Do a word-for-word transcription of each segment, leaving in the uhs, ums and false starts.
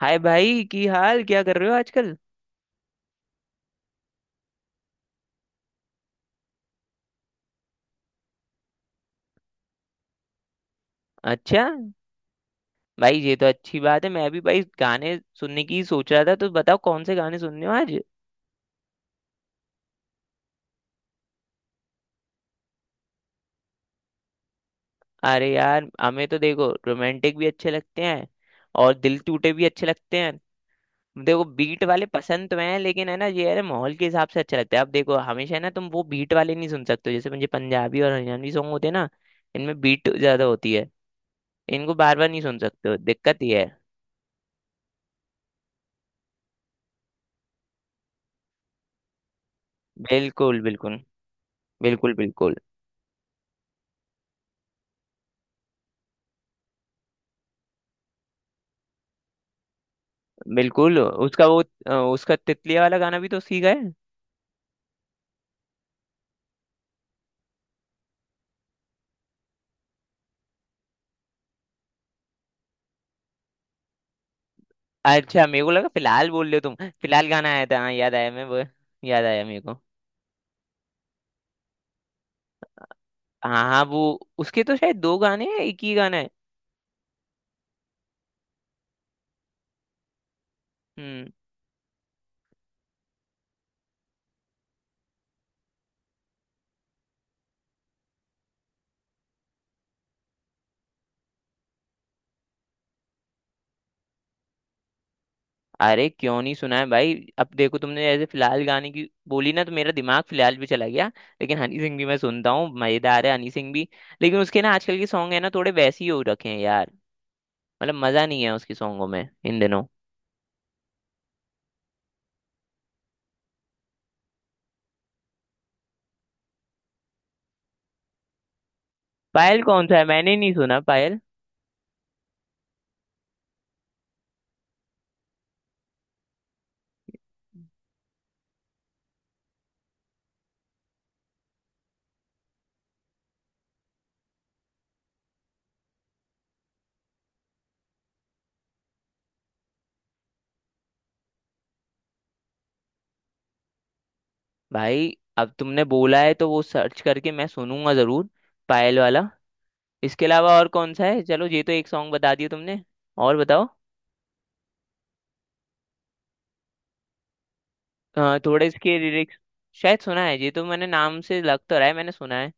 हाय भाई, की हाल, क्या कर रहे हो आजकल। अच्छा। भाई ये तो अच्छी बात है, मैं भी भाई गाने सुनने की ही सोच रहा था। तो बताओ कौन से गाने सुनने हो आज। अरे यार, हमें तो देखो रोमांटिक भी अच्छे लगते हैं। और दिल टूटे भी अच्छे लगते हैं। देखो बीट वाले पसंद तो हैं, लेकिन है ना, ये है ना, माहौल के हिसाब से अच्छा लगता है। अब देखो, हमेशा है ना तुम वो बीट वाले नहीं सुन सकते हो। जैसे मुझे पंजाबी और हरियाणवी सॉन्ग होते हैं ना, इनमें बीट ज्यादा होती है। इनको बार बार नहीं सुन सकते हो, दिक्कत ये है। बिल्कुल बिल्कुल। बिल्कुल बिल्कुल। बिल्कुल, उसका वो अ, उसका तितलिया वाला गाना भी तो सीखा है। अच्छा, मेरे को लगा फिलहाल बोल रहे हो, तुम फिलहाल गाना आया था। हाँ याद आया, मैं वो याद आया मेरे को। हाँ हाँ वो, उसके तो शायद दो गाने हैं, एक ही गाना है। हम्म। अरे क्यों नहीं सुना है भाई। अब देखो तुमने जैसे फिलहाल गाने की बोली ना, तो मेरा दिमाग फिलहाल भी चला गया। लेकिन हनी सिंह भी मैं सुनता हूँ, मजेदार है हनी सिंह भी। लेकिन उसके ना आजकल के सॉन्ग है ना, थोड़े वैसे ही हो रखे हैं यार। मतलब मजा नहीं है उसके सॉन्गों में इन दिनों। पायल कौन सा है? मैंने नहीं सुना पायल। भाई अब तुमने बोला है तो वो सर्च करके मैं सुनूंगा जरूर, पायल वाला। इसके अलावा और कौन सा है? चलो ये तो एक सॉन्ग बता दिया तुमने। और बताओ। अ, थोड़े इसके लिरिक्स शायद सुना है ये तो, मैंने नाम से लग तो रहा है, मैंने सुना है।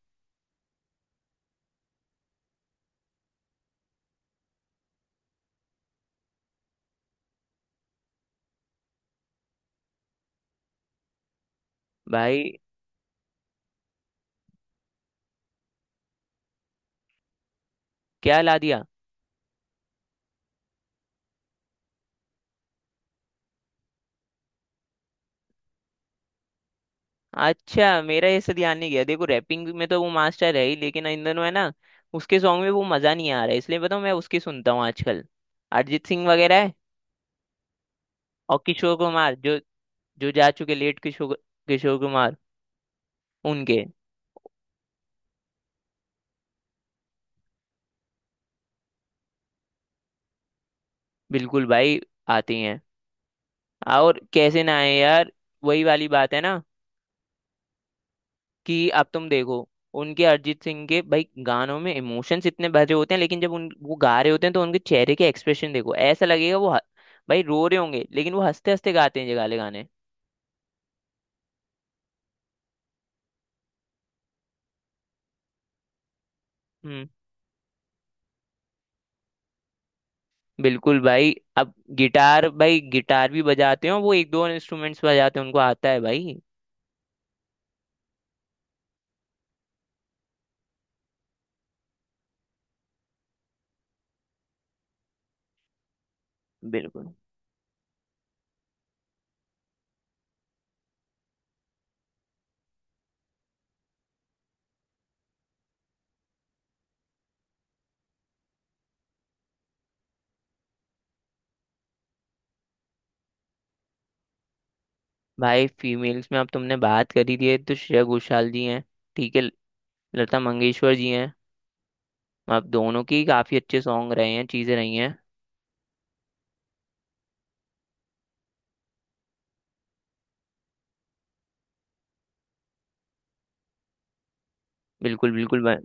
भाई क्या ला दिया? अच्छा मेरा ऐसे ध्यान नहीं गया। देखो रैपिंग में तो वो मास्टर है ही, लेकिन इन दोनों है ना उसके सॉन्ग में वो मजा नहीं आ रहा है। इसलिए बताऊँ मैं उसकी सुनता हूँ आजकल। अरिजीत सिंह वगैरह है। और किशोर कुमार, जो जो जा चुके, लेट किशोर, किशोर कुमार उनके। बिल्कुल भाई, आती हैं। और कैसे ना आए यार, वही वाली बात है ना, कि अब तुम देखो उनके अरिजीत सिंह के भाई गानों में इमोशंस इतने भरे होते हैं, लेकिन जब उन वो गा रहे होते हैं तो उनके चेहरे के एक्सप्रेशन देखो, ऐसा लगेगा वो ह- भाई रो रहे होंगे, लेकिन वो हंसते हंसते गाते हैं ये गाले गाने। हम्म। बिल्कुल भाई। अब गिटार, भाई गिटार भी बजाते हो। वो एक दो इंस्ट्रूमेंट्स बजाते हैं, उनको आता है भाई। बिल्कुल। भाई फीमेल्स में अब तुमने बात करी दी है, तो श्रेया घोषाल जी हैं, ठीक है, लता मंगेशकर जी हैं। अब दोनों की काफी अच्छे सॉन्ग रहे हैं, चीजें रही हैं। बिल्कुल बिल्कुल भ-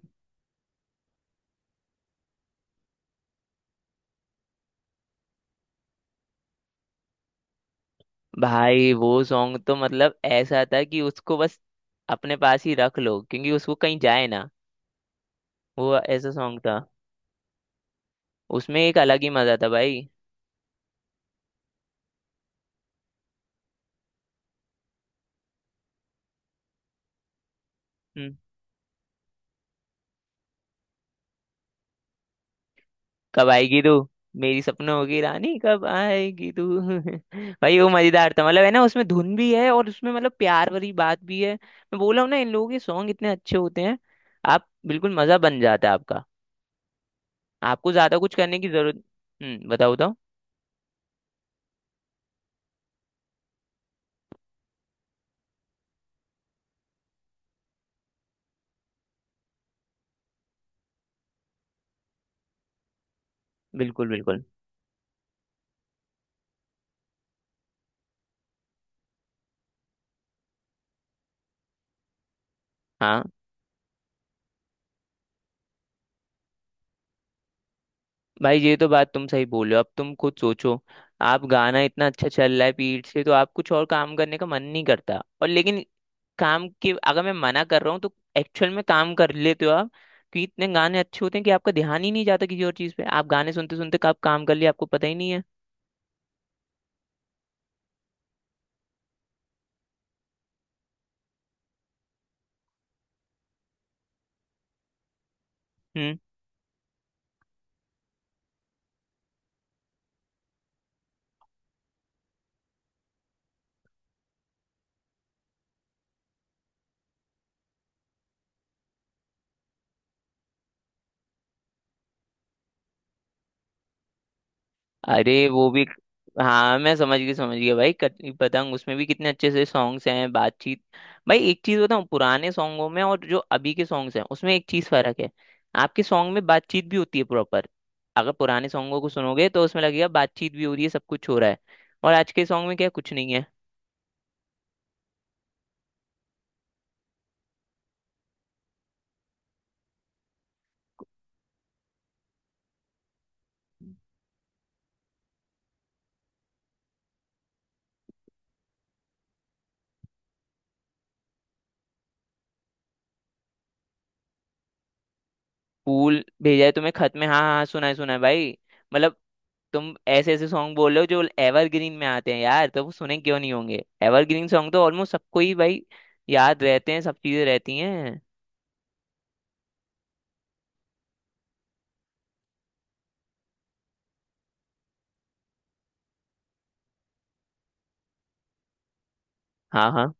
भाई वो सॉन्ग तो मतलब ऐसा था कि उसको बस अपने पास ही रख लो, क्योंकि उसको कहीं जाए ना, वो ऐसा सॉन्ग था। उसमें एक अलग ही मजा था भाई। हम्म, कब आएगी तू, मेरी सपनों की रानी कब आएगी तू। भाई वो मजेदार था, मतलब है ना उसमें धुन भी है और उसमें मतलब प्यार वाली बात भी है। मैं बोला हूं ना, इन लोगों के सॉन्ग इतने अच्छे होते हैं। आप बिल्कुल, मजा बन जाता है आपका, आपको ज्यादा कुछ करने की जरूरत। हम्म, बताओ बताओ। बिल्कुल बिल्कुल। हाँ भाई, ये तो बात तुम सही बोल रहे हो। अब तुम खुद सोचो, आप गाना इतना अच्छा चल रहा है पीठ से, तो आप कुछ और काम करने का मन नहीं करता। और लेकिन काम के अगर मैं मना कर रहा हूँ तो एक्चुअल में काम कर लेते हो आप। कि इतने गाने अच्छे होते हैं कि आपका ध्यान ही नहीं जाता किसी और चीज़ पे, आप गाने सुनते सुनते आप काम कर लिए, आपको पता ही नहीं है। हम्म। अरे वो भी, हाँ मैं समझ गई समझ गया भाई, कटनी पतंग, उसमें भी कितने अच्छे से सॉन्ग्स हैं, बातचीत। भाई एक चीज बताऊँ, पुराने सॉन्गों में और जो अभी के सॉन्ग्स हैं उसमें एक चीज फर्क है। आपके सॉन्ग में बातचीत भी होती है प्रॉपर। अगर पुराने सॉन्गों को सुनोगे तो उसमें लगेगा बातचीत भी हो रही है, सब कुछ हो रहा है। और आज के सॉन्ग में क्या कुछ नहीं है। फूल भेजा है तुम्हें खत में, हाँ हाँ सुना है सुना है भाई। मतलब तुम ऐसे ऐसे सॉन्ग बोल रहे हो जो एवरग्रीन में आते हैं यार, तो वो सुने क्यों नहीं होंगे। एवरग्रीन सॉन्ग तो ऑलमोस्ट सबको ही भाई याद रहते हैं, सब चीजें रहती हैं। हाँ हाँ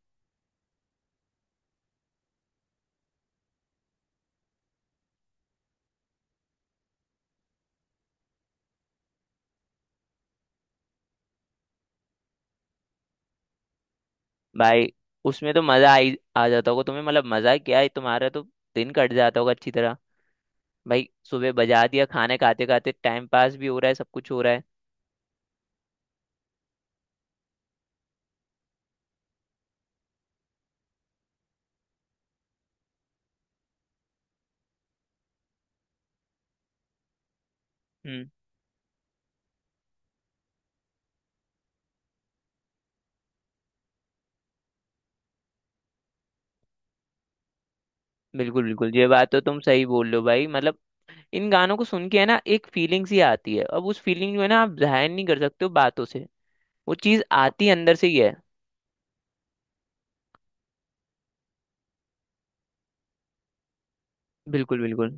भाई, उसमें तो मजा आई आ जाता होगा तुम्हें, मतलब मजा क्या है तुम्हारा तो, दिन कट जाता होगा अच्छी तरह। भाई सुबह बजा दिया, खाने खाते खाते टाइम पास भी हो रहा है, सब कुछ हो रहा है। हम्म। बिल्कुल बिल्कुल, ये बात तो तुम सही बोल रहे हो भाई। मतलब इन गानों को सुन के है ना, एक फीलिंग सी आती है। अब उस फीलिंग जो है ना, आप जाहिर नहीं कर सकते हो बातों से, वो चीज आती अंदर से ही है। बिल्कुल बिल्कुल।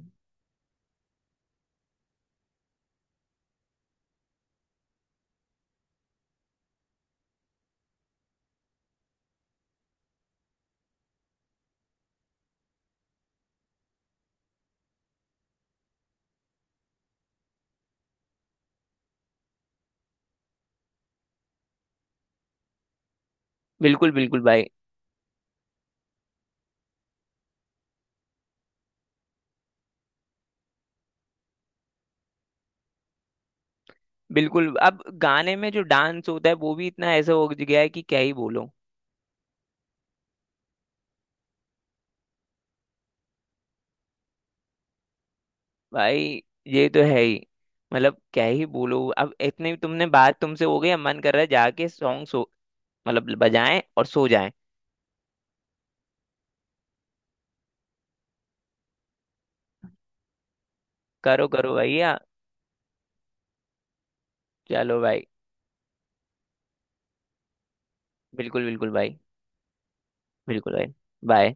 बिल्कुल बिल्कुल भाई। बिल्कुल। अब गाने में जो डांस होता है वो भी इतना ऐसा हो गया है कि क्या ही बोलो। भाई ये तो है ही, मतलब क्या ही बोलो। अब इतने भी तुमने बात तुमसे हो गई, अब मन कर रहा है जाके सॉन्ग सो, मतलब बजाएं और सो जाएं। करो करो भैया। चलो भाई। बिल्कुल बिल्कुल भाई। बिल्कुल भाई। बाय।